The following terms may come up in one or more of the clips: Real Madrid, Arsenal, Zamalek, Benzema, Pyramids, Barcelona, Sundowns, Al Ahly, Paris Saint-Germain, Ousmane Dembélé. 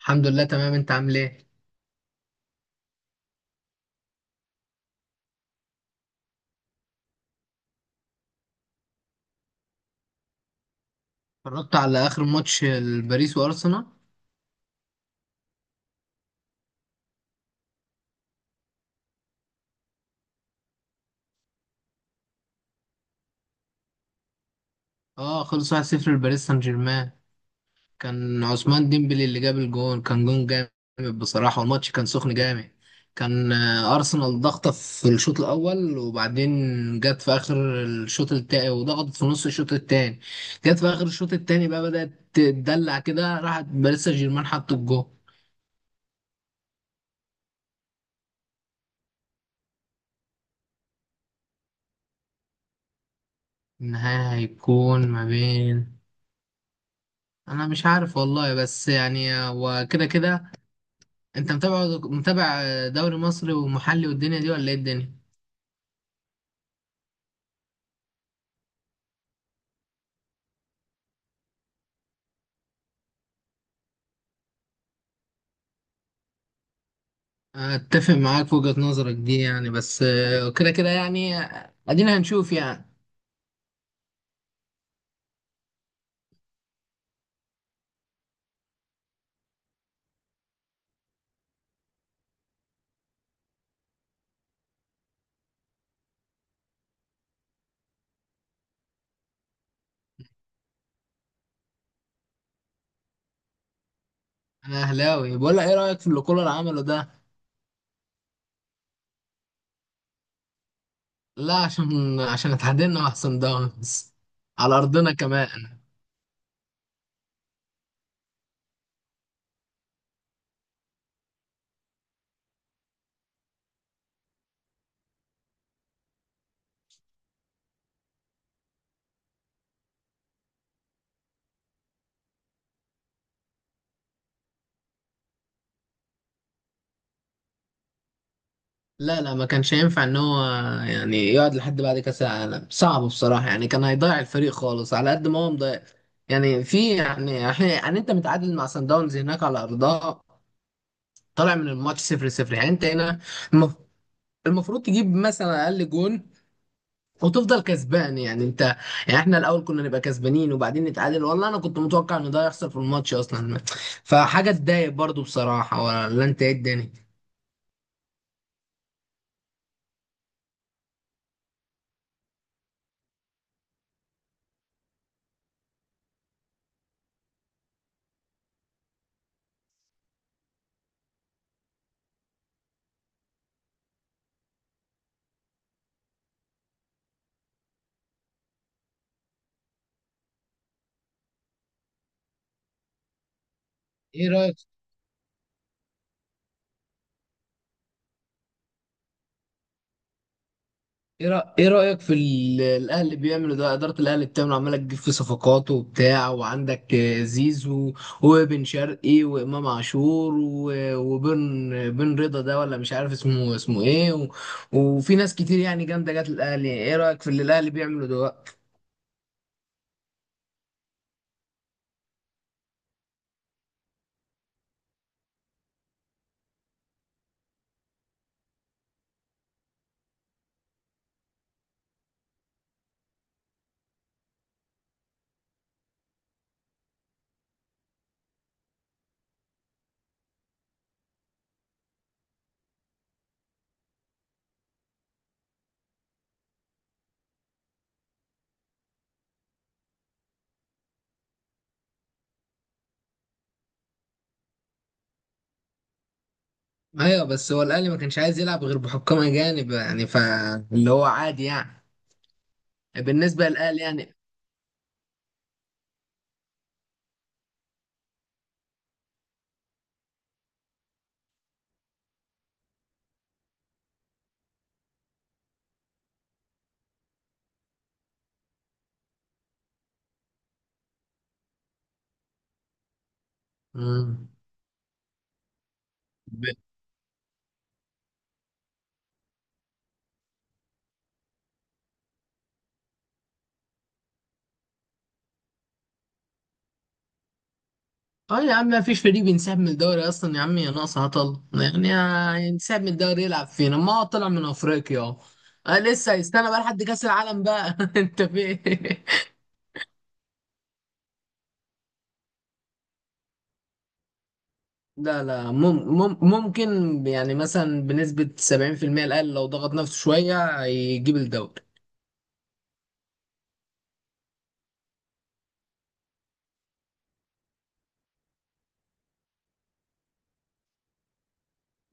الحمد لله تمام، انت عامل ايه؟ اتفرجت على اخر ماتش الباريس وارسنال. اه، خلص 1-0 لباريس سان جيرمان. كان عثمان ديمبلي اللي جاب الجون، كان جون جامد بصراحة. والماتش كان سخن جامد. كان ارسنال ضغطة في الشوط الاول، وبعدين جت في اخر الشوط التاني وضغطت في نص الشوط التاني. جت في اخر الشوط التاني بقى بدأت تدلع كده، راحت باريس سان جيرمان حط الجون. النهاية هيكون ما بين، انا مش عارف والله، بس يعني هو كده كده. انت متابع دوري مصري ومحلي والدنيا دي، ولا ايه الدنيا؟ اتفق معاك في وجهة نظرك دي يعني، بس كده كده يعني، ادينا هنشوف يعني. انا اهلاوي. بقول لك، ايه رايك في اللي كولر عمله ده؟ لا، عشان اتعادلنا مع صن داونز على ارضنا كمان. لا لا، ما كانش ينفع ان هو يعني يقعد لحد بعد كاس العالم، صعب بصراحه يعني. كان هيضيع الفريق خالص على قد ما هو مضيع يعني. في، يعني انت متعادل مع صن داونز هناك على ارضها، طالع من الماتش صفر صفر، يعني انت هنا المف- المفروض تجيب مثلا اقل جون وتفضل كسبان، يعني انت، يعني احنا الاول كنا نبقى كسبانين وبعدين نتعادل. والله انا كنت متوقع ان ده يحصل في الماتش اصلا، فحاجه تضايق برضو بصراحه. ولا انت، ايه الدنيا؟ ايه رايك، إيه رأيك في الاهلي بيعملوا ده؟ ادارة الاهلي بتعمل عمالة، تجيب في صفقات وبتاع، وعندك زيزو وبن شرقي وامام عاشور وبن رضا ده، ولا مش عارف اسمه، اسمه ايه، وفي ناس كتير يعني جامدة جت الاهلي. ايه رأيك في اللي الاهلي بيعمله دلوقتي؟ ايوه، بس هو الاهلي ما كانش عايز يلعب غير بحكام اجانب يعني، فاللي هو عادي يعني بالنسبة للاهلي يعني. مم. اه يا عم، ما فيش فريق بينسحب من الدوري اصلا يا عم، يا ناقص هطل يعني، ينسحب من الدوري يلعب فينا، ما هو طلع من افريقيا اهو. آه، لسه هيستنى بقى لحد كاس العالم بقى. انت في إيه؟ لا لا، ممكن. يعني مثلا بنسبة 70% الأقل لو ضغط نفسه شوية يجيب الدوري.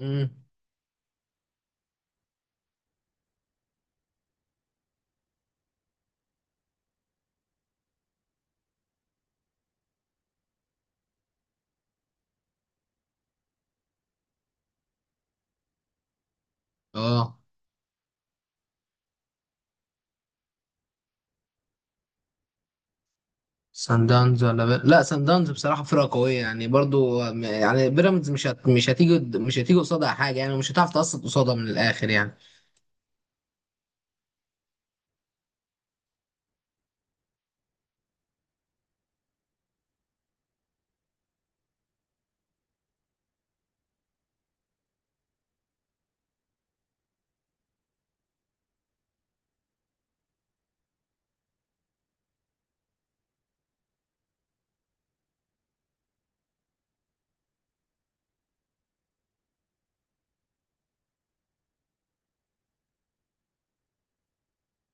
امم. اه، سان داونز ولا لا، سان داونز بصراحة فرقة قوية يعني. برضو يعني بيراميدز مش هتيجي، قصادها حاجة يعني، مش هتعرف تقصد قصادها من الآخر يعني.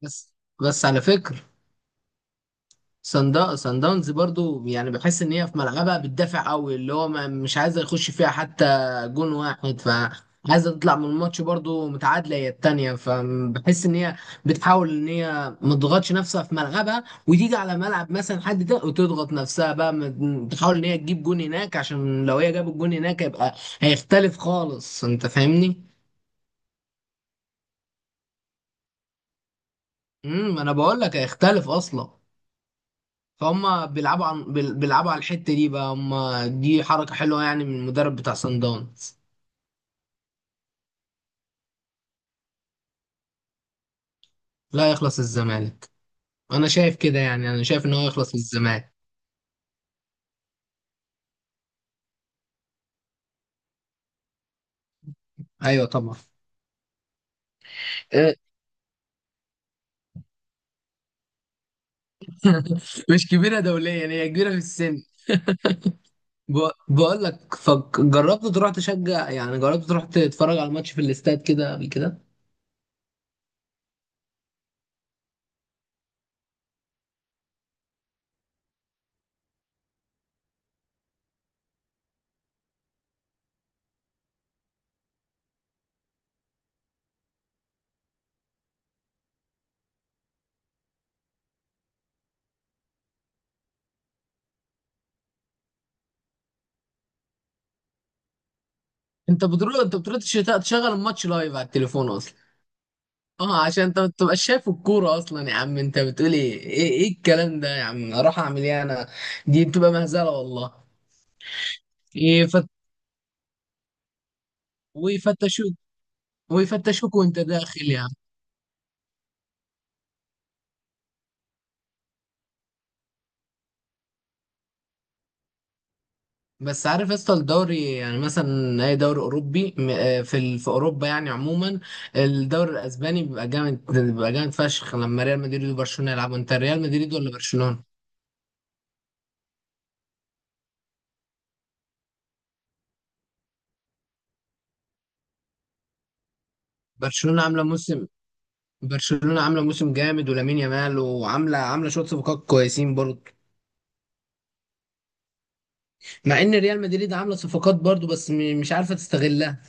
بس، على فكرة، سان داونز برضو يعني بحس ان هي في ملعبها بتدافع قوي، اللي هو ما مش عايزه يخش فيها حتى جون واحد، فعايزه تطلع من الماتش برضو متعادله هي التانيه. فبحس ان هي بتحاول ان هي ما تضغطش نفسها في ملعبها وتيجي على ملعب مثلا حد ده وتضغط نفسها بقى، تحاول ان هي تجيب جون هناك، عشان لو هي جابت جون هناك يبقى هيختلف خالص، انت فاهمني؟ امم، انا بقول لك هيختلف اصلا. فهم بيلعبوا عن بيلعبوا على الحتة دي بقى هم. دي حركة حلوة يعني من المدرب بتاع سان داونز. لا، يخلص الزمالك. انا شايف كده يعني، انا شايف ان هو يخلص للزمالك. ايوه طبعا. آه، مش كبيرة دوليا، هي كبيرة في السن. بقول لك، جربت تروح تشجع، يعني جربت تروح تتفرج على الماتش في الاستاد كده قبل كده؟ انت بتروح، تشغل الماتش لايف على التليفون اصلا. اه، عشان انت ما بتبقاش شايف الكوره اصلا يا عم، انت بتقول ايه، ايه الكلام ده يا عم، اروح اعمل ايه انا؟ دي بتبقى مهزله والله. يفت... ويفتشوك، وانت داخل يا عم. بس عارف يا اسطى، الدوري يعني مثلا اي دوري اوروبي، في في اوروبا يعني عموما، الدوري الاسباني بيبقى جامد، بيبقى جامد فشخ لما ريال مدريد وبرشلونه يلعبوا. انت ريال مدريد ولا برشلونه؟ برشلونه عامله موسم، برشلونه عامله موسم جامد، ولامين يامال، وعامله شويه صفقات كويسين برضه. مع ان ريال مدريد عامله صفقات برضو، بس مش عارفه تستغلها.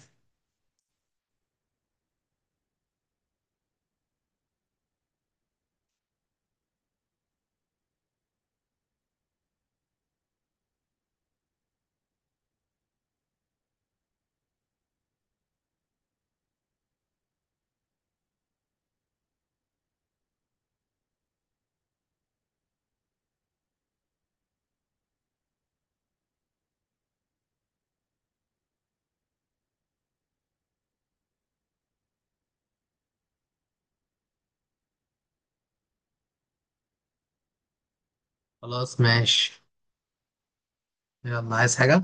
خلاص ماشي. يلا، عايز حاجة؟